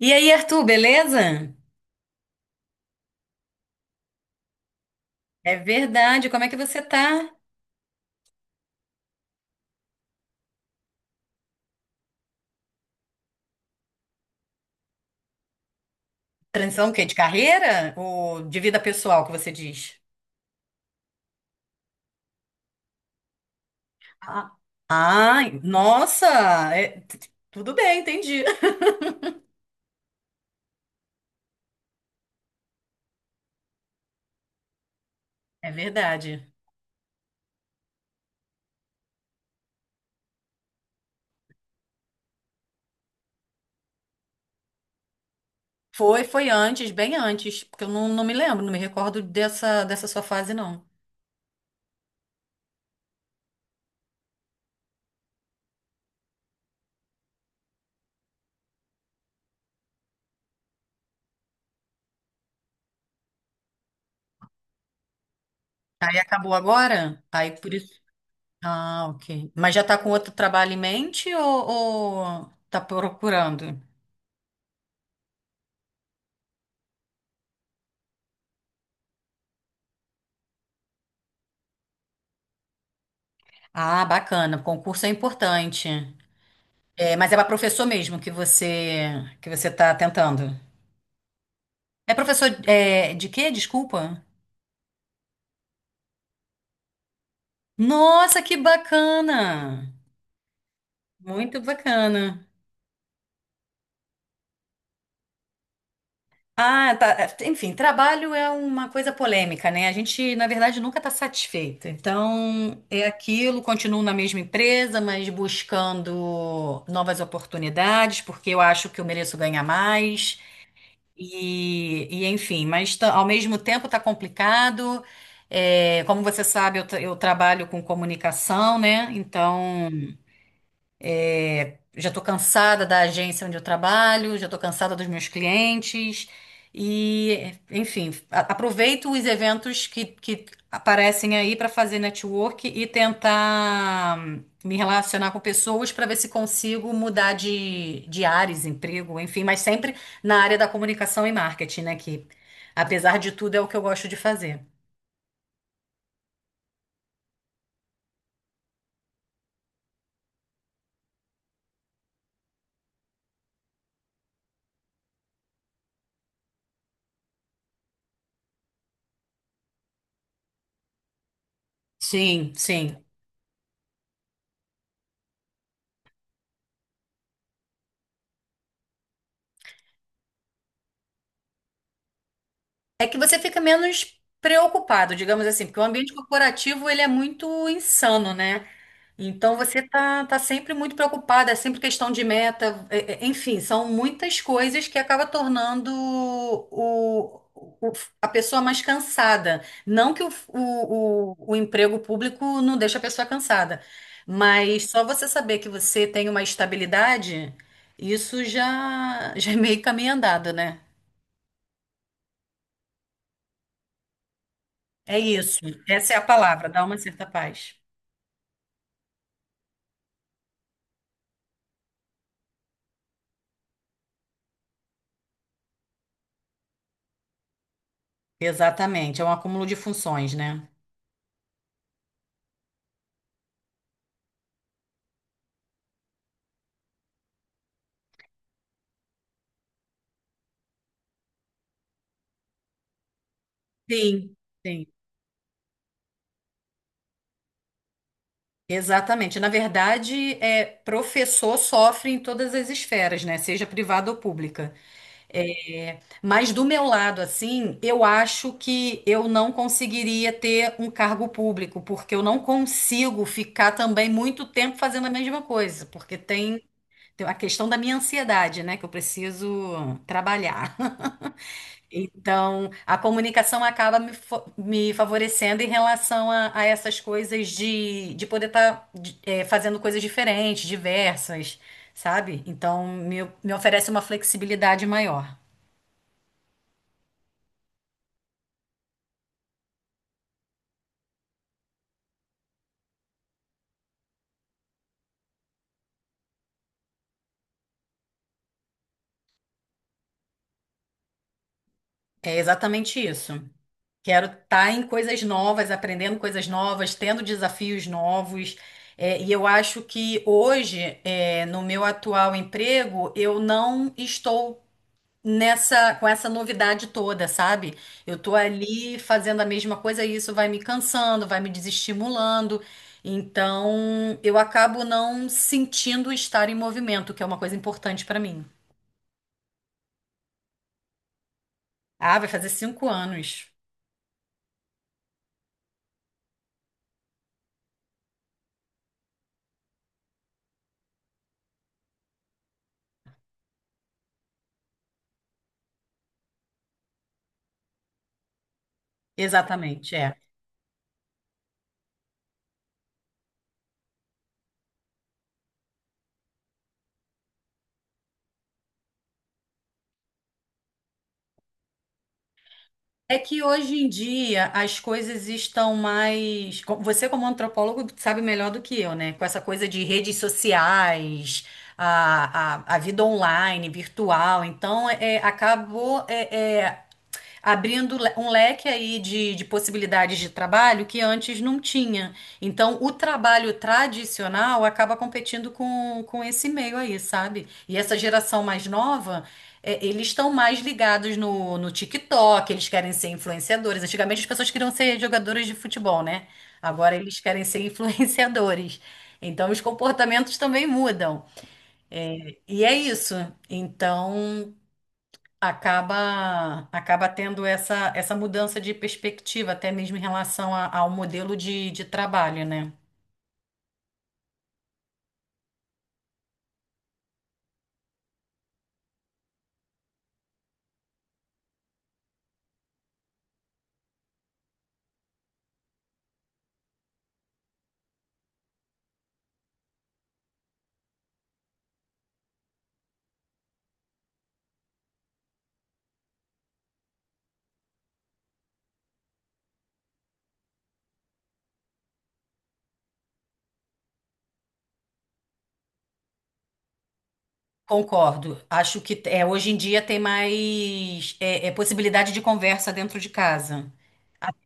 E aí, Arthur, beleza? É verdade. Como é que você tá? Transição o quê? De carreira? Ou de vida pessoal, que você diz? Ah, ai, nossa! é- t- Tudo bem, entendi. É verdade. Foi, foi antes, bem antes, porque eu não me lembro, não me recordo dessa sua fase, não. Aí acabou agora? Aí por isso. Ah, ok. Mas já tá com outro trabalho em mente ou tá procurando? Ah, bacana. Concurso é importante. É, mas é para professor mesmo que você tá tentando. É professor de quê? Desculpa. Nossa, que bacana! Muito bacana. Ah, tá. Enfim, trabalho é uma coisa polêmica, né? A gente, na verdade, nunca está satisfeita. Então, é aquilo, continuo na mesma empresa, mas buscando novas oportunidades, porque eu acho que eu mereço ganhar mais. Enfim, mas tá- ao mesmo tempo está complicado. É, como você sabe, eu trabalho com comunicação, né? Então. É, já estou cansada da agência onde eu trabalho, já estou cansada dos meus clientes. E, enfim, a- aproveito os eventos que aparecem aí para fazer network e tentar me relacionar com pessoas para ver se consigo mudar de áreas, emprego, enfim, mas sempre na área da comunicação e marketing, né? Que, apesar de tudo, é o que eu gosto de fazer. Sim, sim. É que você fica menos preocupado, digamos assim, porque o ambiente corporativo ele é muito insano, né? Então você tá sempre muito preocupado, é sempre questão de meta, enfim, são muitas coisas que acaba tornando a pessoa mais cansada. Não que o emprego público não deixe a pessoa cansada, mas só você saber que você tem uma estabilidade, isso já, já é meio caminho andado, né? É isso. Essa é a palavra, dá uma certa paz. Exatamente, é um acúmulo de funções, né? Sim, sim. Exatamente. Na verdade, é, professor sofre em todas as esferas, né? Seja privada ou pública. É, mas do meu lado, assim, eu acho que eu não conseguiria ter um cargo público, porque eu não consigo ficar também muito tempo fazendo a mesma coisa, tem a questão da minha ansiedade, né? Que eu preciso trabalhar. Então, a comunicação acaba me favorecendo em relação a essas coisas de poder estar fazendo coisas diferentes, diversas, sabe? Então, me oferece uma flexibilidade maior. É exatamente isso. Quero estar em coisas novas, aprendendo coisas novas, tendo desafios novos. É, e eu acho que hoje, é, no meu atual emprego, eu não estou nessa com essa novidade toda, sabe? Eu tô ali fazendo a mesma coisa e isso vai me cansando, vai me desestimulando. Então, eu acabo não sentindo estar em movimento, que é uma coisa importante pra mim. Ah, vai fazer 5 anos. Exatamente, é. É que hoje em dia as coisas estão mais. Você, como antropólogo, sabe melhor do que eu, né? Com essa coisa de redes sociais, a vida online, virtual. Então, é, acabou. É, Abrindo um leque aí de possibilidades de trabalho que antes não tinha. Então, o trabalho tradicional acaba competindo com esse meio aí, sabe? E essa geração mais nova, é, eles estão mais ligados no TikTok, eles querem ser influenciadores. Antigamente as pessoas queriam ser jogadores de futebol, né? Agora eles querem ser influenciadores. Então, os comportamentos também mudam. E é isso. Então acaba tendo essa mudança de perspectiva, até mesmo em relação ao modelo de trabalho, né? Concordo. Acho que é, hoje em dia tem mais possibilidade de conversa dentro de casa.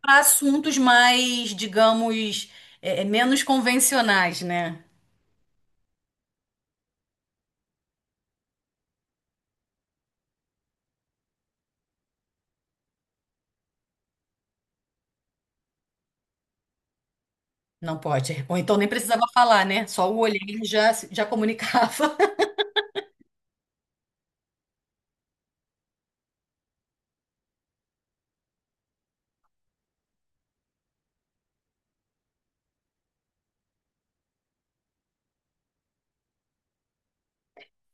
Para assuntos mais, digamos, menos convencionais, né? Não pode. Ou então nem precisava falar, né? Só o olhar já comunicava.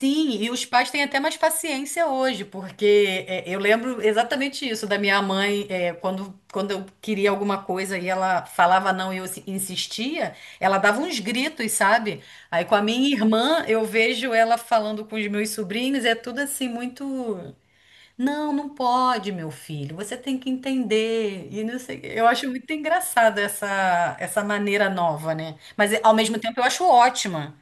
Sim, e os pais têm até mais paciência hoje, porque é, eu lembro exatamente isso da minha mãe, é, quando eu queria alguma coisa e ela falava não e eu se- insistia, ela dava uns gritos, sabe? Aí com a minha irmã, eu vejo ela falando com os meus sobrinhos, é tudo assim muito. Não, não pode, meu filho, você tem que entender. E não sei, eu acho muito engraçado essa maneira nova, né? Mas ao mesmo tempo eu acho ótima.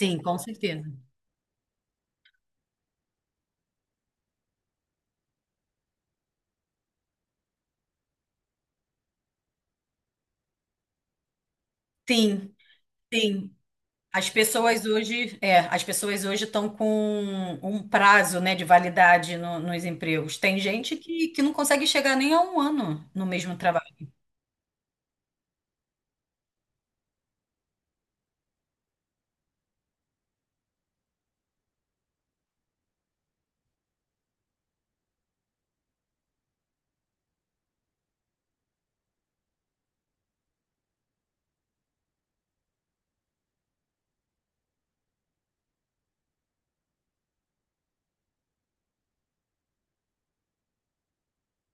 Sim, com certeza. Sim, sim. As pessoas hoje, é, as pessoas hoje estão com um prazo, né, de validade nos empregos. Tem gente que não consegue chegar nem a um ano no mesmo.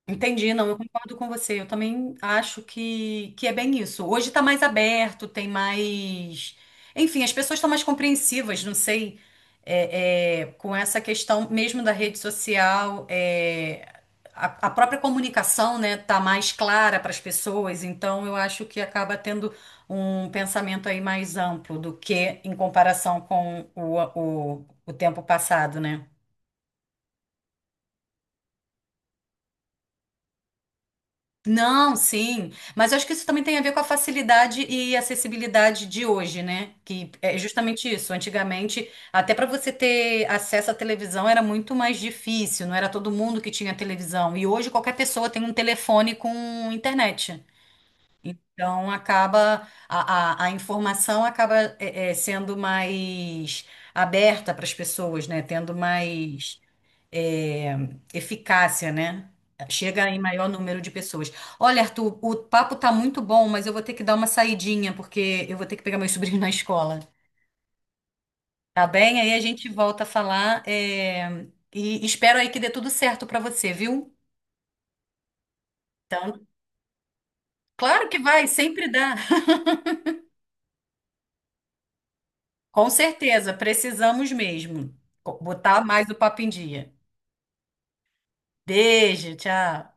Entendi, não, eu concordo com você. Eu também acho que é bem isso. Hoje tá mais aberto, tem mais. Enfim, as pessoas estão mais compreensivas, não sei, com essa questão mesmo da rede social, é, a própria comunicação, né, tá mais clara para as pessoas, então eu acho que acaba tendo um pensamento aí mais amplo do que em comparação com o tempo passado, né? Não, sim. Mas eu acho que isso também tem a ver com a facilidade e acessibilidade de hoje, né? Que é justamente isso. Antigamente, até para você ter acesso à televisão era muito mais difícil, não era todo mundo que tinha televisão. E hoje qualquer pessoa tem um telefone com internet. Então acaba a informação acaba sendo mais aberta para as pessoas, né? Tendo mais é, eficácia, né? Chega em maior número de pessoas. Olha, Arthur, o papo tá muito bom, mas eu vou ter que dar uma saidinha, porque eu vou ter que pegar meu sobrinho na escola. Tá bem? Aí a gente volta a falar, é, e espero aí que dê tudo certo para você, viu? Então, claro que vai, sempre dá. Com certeza, precisamos mesmo botar mais o papo em dia. Beijo, tchau.